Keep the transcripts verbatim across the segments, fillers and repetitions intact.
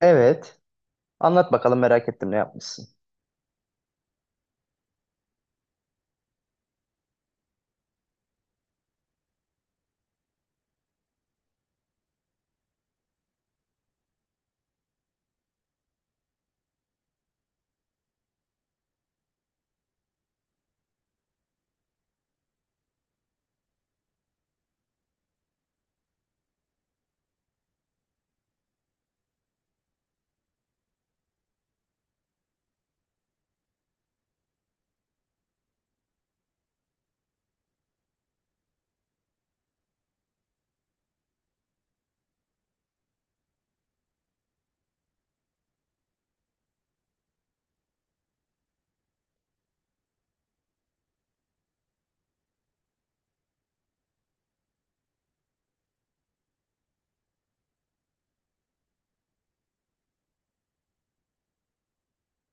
Evet. Anlat bakalım, merak ettim ne yapmışsın.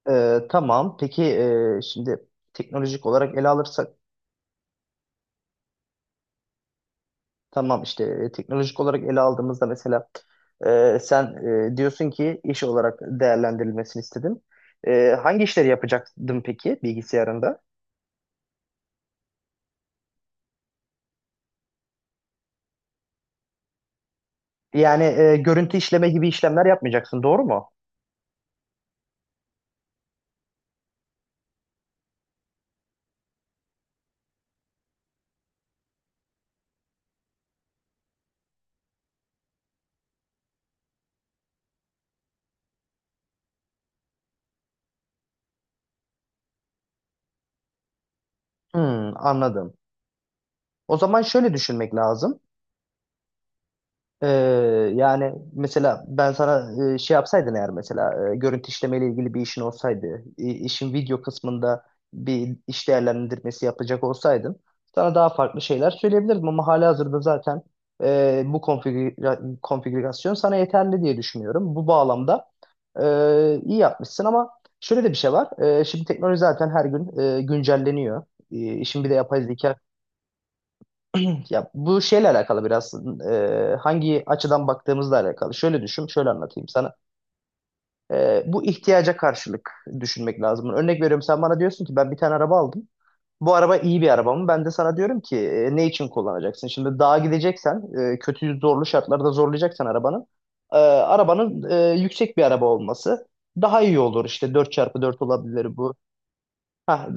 Ee, tamam. Peki, e, şimdi teknolojik olarak ele alırsak, tamam işte, e, teknolojik olarak ele aldığımızda mesela, e, sen, e, diyorsun ki iş olarak değerlendirilmesini istedin. E, hangi işleri yapacaktın peki bilgisayarında? Yani, e, görüntü işleme gibi işlemler yapmayacaksın, doğru mu? Hmm, anladım. O zaman şöyle düşünmek lazım. Ee, Yani mesela ben sana, e, şey yapsaydın, eğer mesela e, görüntü işlemeyle ilgili bir işin olsaydı, i- işin video kısmında bir iş değerlendirmesi yapacak olsaydın, sana daha farklı şeyler söyleyebilirdim ama halihazırda zaten e, bu konfigüra- konfigürasyon sana yeterli diye düşünüyorum. Bu bağlamda e, iyi yapmışsın ama şöyle de bir şey var. E, şimdi teknoloji zaten her gün e, güncelleniyor. E, işin bir de yapay zeka, ya bu şeyle alakalı biraz, e, hangi açıdan baktığımızla alakalı. Şöyle düşün, şöyle anlatayım sana. E, bu ihtiyaca karşılık düşünmek lazım. Örnek veriyorum, sen bana diyorsun ki ben bir tane araba aldım. Bu araba iyi bir araba mı? Ben de sana diyorum ki, e, ne için kullanacaksın? Şimdi dağa gideceksen, e, kötü zorlu şartlarda zorlayacaksan arabanın, e, arabanın, e, yüksek bir araba olması daha iyi olur. İşte dört çarpı dört olabilir bu. Hah,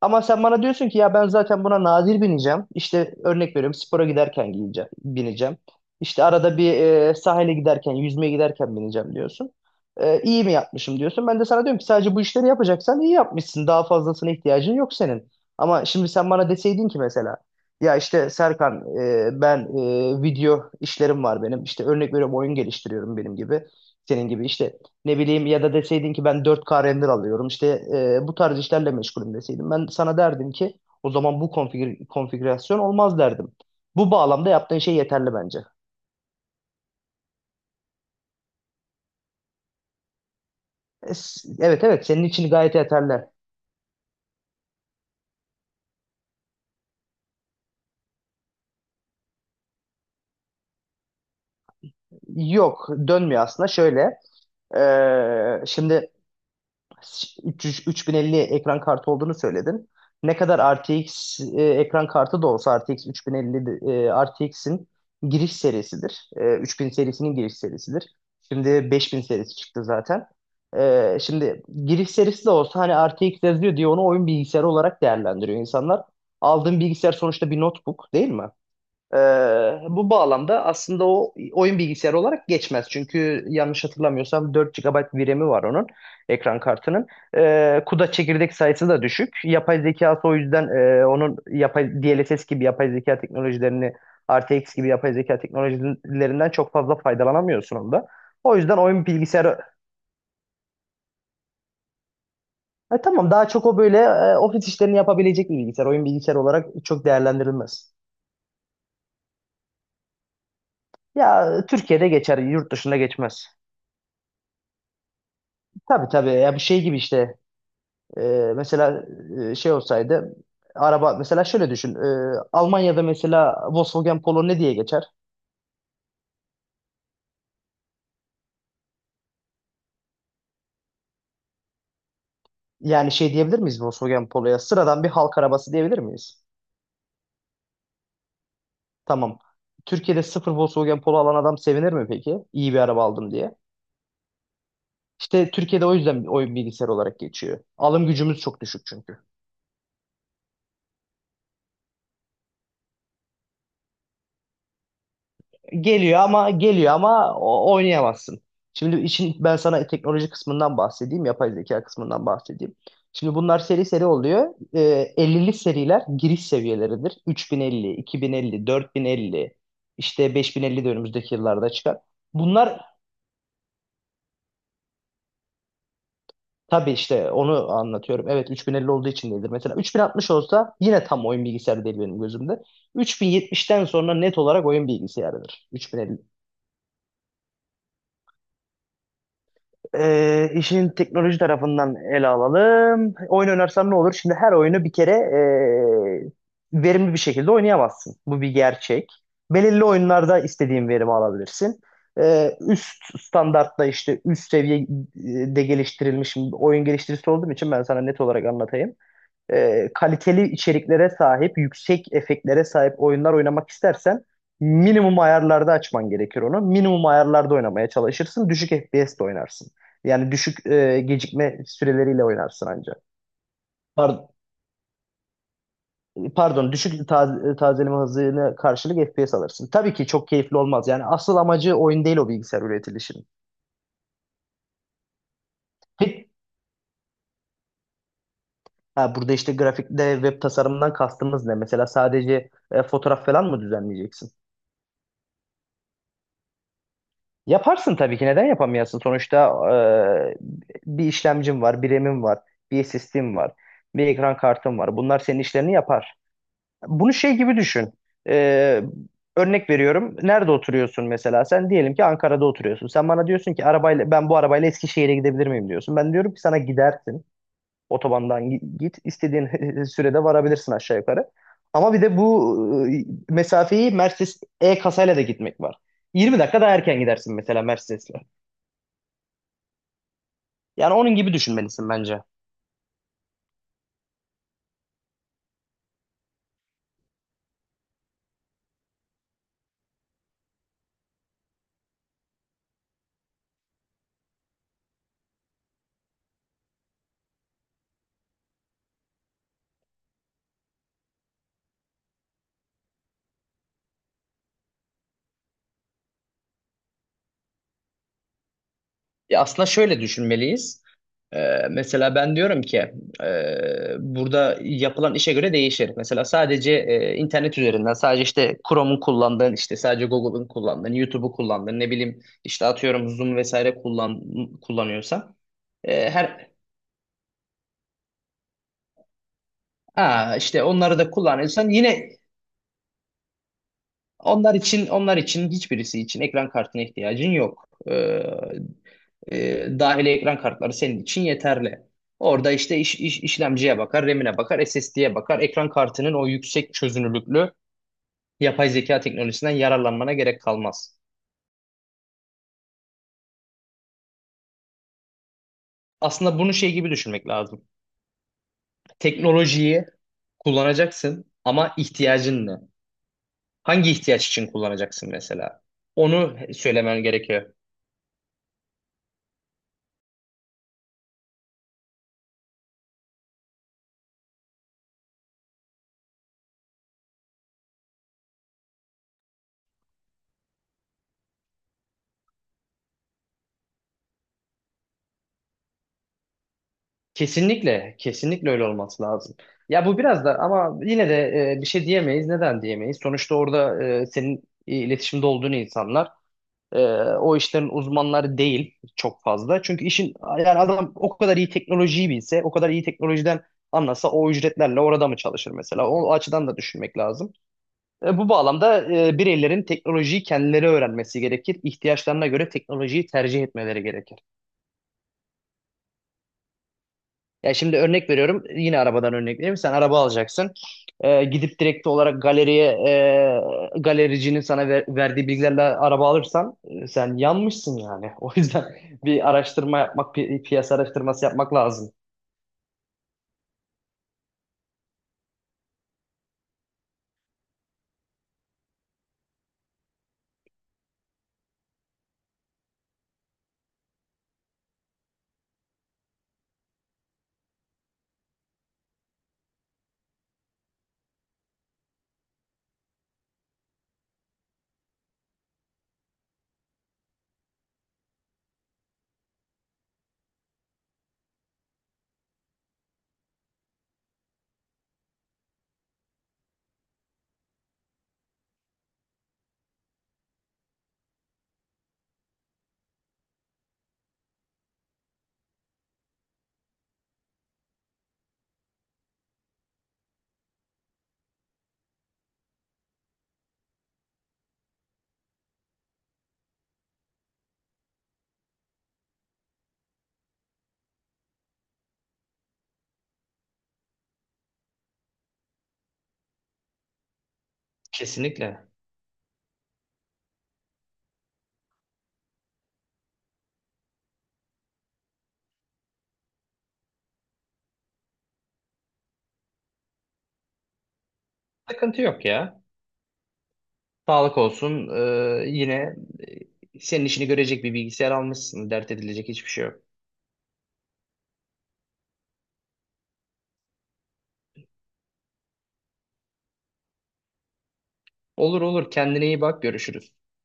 ama sen bana diyorsun ki ya ben zaten buna nadir bineceğim. İşte örnek veriyorum, spora giderken giyeceğim, bineceğim. İşte arada bir, e, sahile giderken, yüzmeye giderken bineceğim diyorsun. E, iyi mi yapmışım diyorsun. Ben de sana diyorum ki sadece bu işleri yapacaksan iyi yapmışsın. Daha fazlasına ihtiyacın yok senin. Ama şimdi sen bana deseydin ki mesela, ya işte Serkan, e, ben, e, video işlerim var benim. İşte örnek veriyorum, oyun geliştiriyorum benim gibi. Senin gibi işte, ne bileyim, ya da deseydin ki ben dört k render alıyorum, işte, e, bu tarz işlerle meşgulüm deseydim. Ben sana derdim ki o zaman bu konfigür konfigürasyon olmaz derdim. Bu bağlamda yaptığın şey yeterli bence. E, s- Evet, evet, senin için gayet yeterli. Yok, dönmüyor aslında, şöyle: e, şimdi üç yüz, üç bin elli ekran kartı olduğunu söyledin. Ne kadar R T X, e, ekran kartı da olsa, R T X otuz elli de- e, R T X'in giriş serisidir. E, üç bin serisinin giriş serisidir. Şimdi beş bin serisi çıktı zaten. E, şimdi giriş serisi de olsa, hani R T X yazıyor diye onu oyun bilgisayarı olarak değerlendiriyor insanlar. Aldığın bilgisayar sonuçta bir notebook değil mi? Ee, Bu bağlamda aslında o, oyun bilgisayarı olarak geçmez. Çünkü yanlış hatırlamıyorsam dört gigabayt VRAM'i var onun, ekran kartının. Ee, CUDA çekirdek sayısı da düşük. Yapay zekası o yüzden, e, onun yapay, D L S S gibi yapay zeka teknolojilerini, R T X gibi yapay zeka teknolojilerinden çok fazla faydalanamıyorsun onda. O yüzden oyun bilgisayarı. Ha, tamam, daha çok o böyle e, ofis işlerini yapabilecek bir bilgisayar. Oyun bilgisayarı olarak çok değerlendirilmez. Ya, Türkiye'de geçer, yurt dışında geçmez. Tabii, tabii, ya bu şey gibi işte, e, mesela, e, şey olsaydı, araba mesela, şöyle düşün: e, Almanya'da mesela Volkswagen Polo ne diye geçer? Yani, şey diyebilir miyiz, Volkswagen Polo'ya sıradan bir halk arabası diyebilir miyiz? Tamam. Türkiye'de sıfır Volkswagen Polo alan adam sevinir mi peki, İyi bir araba aldım diye? İşte Türkiye'de o yüzden oyun bilgisayar olarak geçiyor. Alım gücümüz çok düşük çünkü. Geliyor ama, geliyor ama o- oynayamazsın. Şimdi işin ben sana teknoloji kısmından bahsedeyim, yapay zeka kısmından bahsedeyim. Şimdi bunlar seri seri oluyor. Ee, ellili seriler giriş seviyeleridir. üç bin elli, iki bin elli, dört bin elli, işte beş bin elli de önümüzdeki yıllarda çıkar. Bunlar, tabii işte, onu anlatıyorum. Evet, üç bin elli olduğu için değildir. Mesela üç bin altmış olsa yine tam oyun bilgisayarı değil benim gözümde. üç bin yetmişten sonra net olarak oyun bilgisayarıdır. Ee, işin teknoloji tarafından ele alalım. Oyun oynarsan ne olur? Şimdi her oyunu bir kere ee, verimli bir şekilde oynayamazsın. Bu bir gerçek. Belirli oyunlarda istediğin verimi alabilirsin. Ee, üst standartta, işte üst seviyede geliştirilmiş oyun geliştiricisi olduğum için ben sana net olarak anlatayım: e, kaliteli içeriklere sahip, yüksek efektlere sahip oyunlar oynamak istersen, minimum ayarlarda açman gerekir onu. Minimum ayarlarda oynamaya çalışırsın. Düşük F P S'te oynarsın. Yani düşük, e, gecikme süreleriyle oynarsın ancak. Par- Pardon, düşük taz- tazeleme hızına karşılık F P S alırsın. Tabii ki çok keyifli olmaz. Yani asıl amacı oyun değil o bilgisayar üretilişinin. Peki. Ha, burada işte grafikte, web tasarımından kastımız ne? Mesela sadece e, fotoğraf falan mı düzenleyeceksin? Yaparsın tabii ki. Neden yapamayasın? Sonuçta e, bir işlemcim var, bir RAM'im var, bir S S D'm var, bir ekran kartım var. Bunlar senin işlerini yapar. Bunu şey gibi düşün. E, Örnek veriyorum. Nerede oturuyorsun mesela? Sen diyelim ki Ankara'da oturuyorsun. Sen bana diyorsun ki arabayla, ben bu arabayla Eskişehir'e gidebilir miyim, diyorsun. Ben diyorum ki sana, gidersin. Otobandan gi- git. İstediğin sürede varabilirsin aşağı yukarı. Ama bir de bu e, mesafeyi Mercedes E kasayla da gitmek var. yirmi dakika daha erken gidersin mesela Mercedes'le. Yani onun gibi düşünmelisin bence. Ya aslında şöyle düşünmeliyiz. Ee, mesela ben diyorum ki, e, burada yapılan işe göre değişir. Mesela sadece e, internet üzerinden, sadece işte Chrome'un kullandığın, işte sadece Google'ın kullandığın, YouTube'u kullandığın, ne bileyim işte, atıyorum, Zoom vesaire kullan kullanıyorsan, e, her, ha, işte onları da kullanırsan, yine onlar için onlar için hiçbirisi için ekran kartına ihtiyacın yok. Ee, E, dahili ekran kartları senin için yeterli. Orada işte iş, iş- işlemciye bakar, RAM'ine bakar, S S D'ye bakar. Ekran kartının o yüksek çözünürlüklü yapay zeka teknolojisinden yararlanmana gerek kalmaz. Aslında bunu şey gibi düşünmek lazım. Teknolojiyi kullanacaksın ama ihtiyacın ne? Hangi ihtiyaç için kullanacaksın mesela? Onu söylemen gerekiyor. Kesinlikle, kesinlikle öyle olması lazım. Ya bu biraz da, ama yine de e, bir şey diyemeyiz. Neden diyemeyiz? Sonuçta orada e, senin iletişimde olduğun insanlar, e, o işlerin uzmanları değil çok fazla. Çünkü işin, yani adam o kadar iyi teknolojiyi bilse, o kadar iyi teknolojiden anlasa, o ücretlerle orada mı çalışır mesela? O açıdan da düşünmek lazım. E, bu bağlamda e, bireylerin teknolojiyi kendileri öğrenmesi gerekir. İhtiyaçlarına göre teknolojiyi tercih etmeleri gerekir. Ya şimdi örnek veriyorum. Yine arabadan örnek vereyim. Sen araba alacaksın. Ee, gidip direkt olarak galeriye, e, galericinin sana ver- verdiği bilgilerle araba alırsan, e, sen yanmışsın yani. O yüzden bir araştırma yapmak, pi- piyasa araştırması yapmak lazım. Kesinlikle. Sıkıntı yok ya. Sağlık olsun. Ee, yine e, senin işini görecek bir bilgisayar almışsın. Dert edilecek hiçbir şey yok. Olur, olur. Kendine iyi bak. Görüşürüz.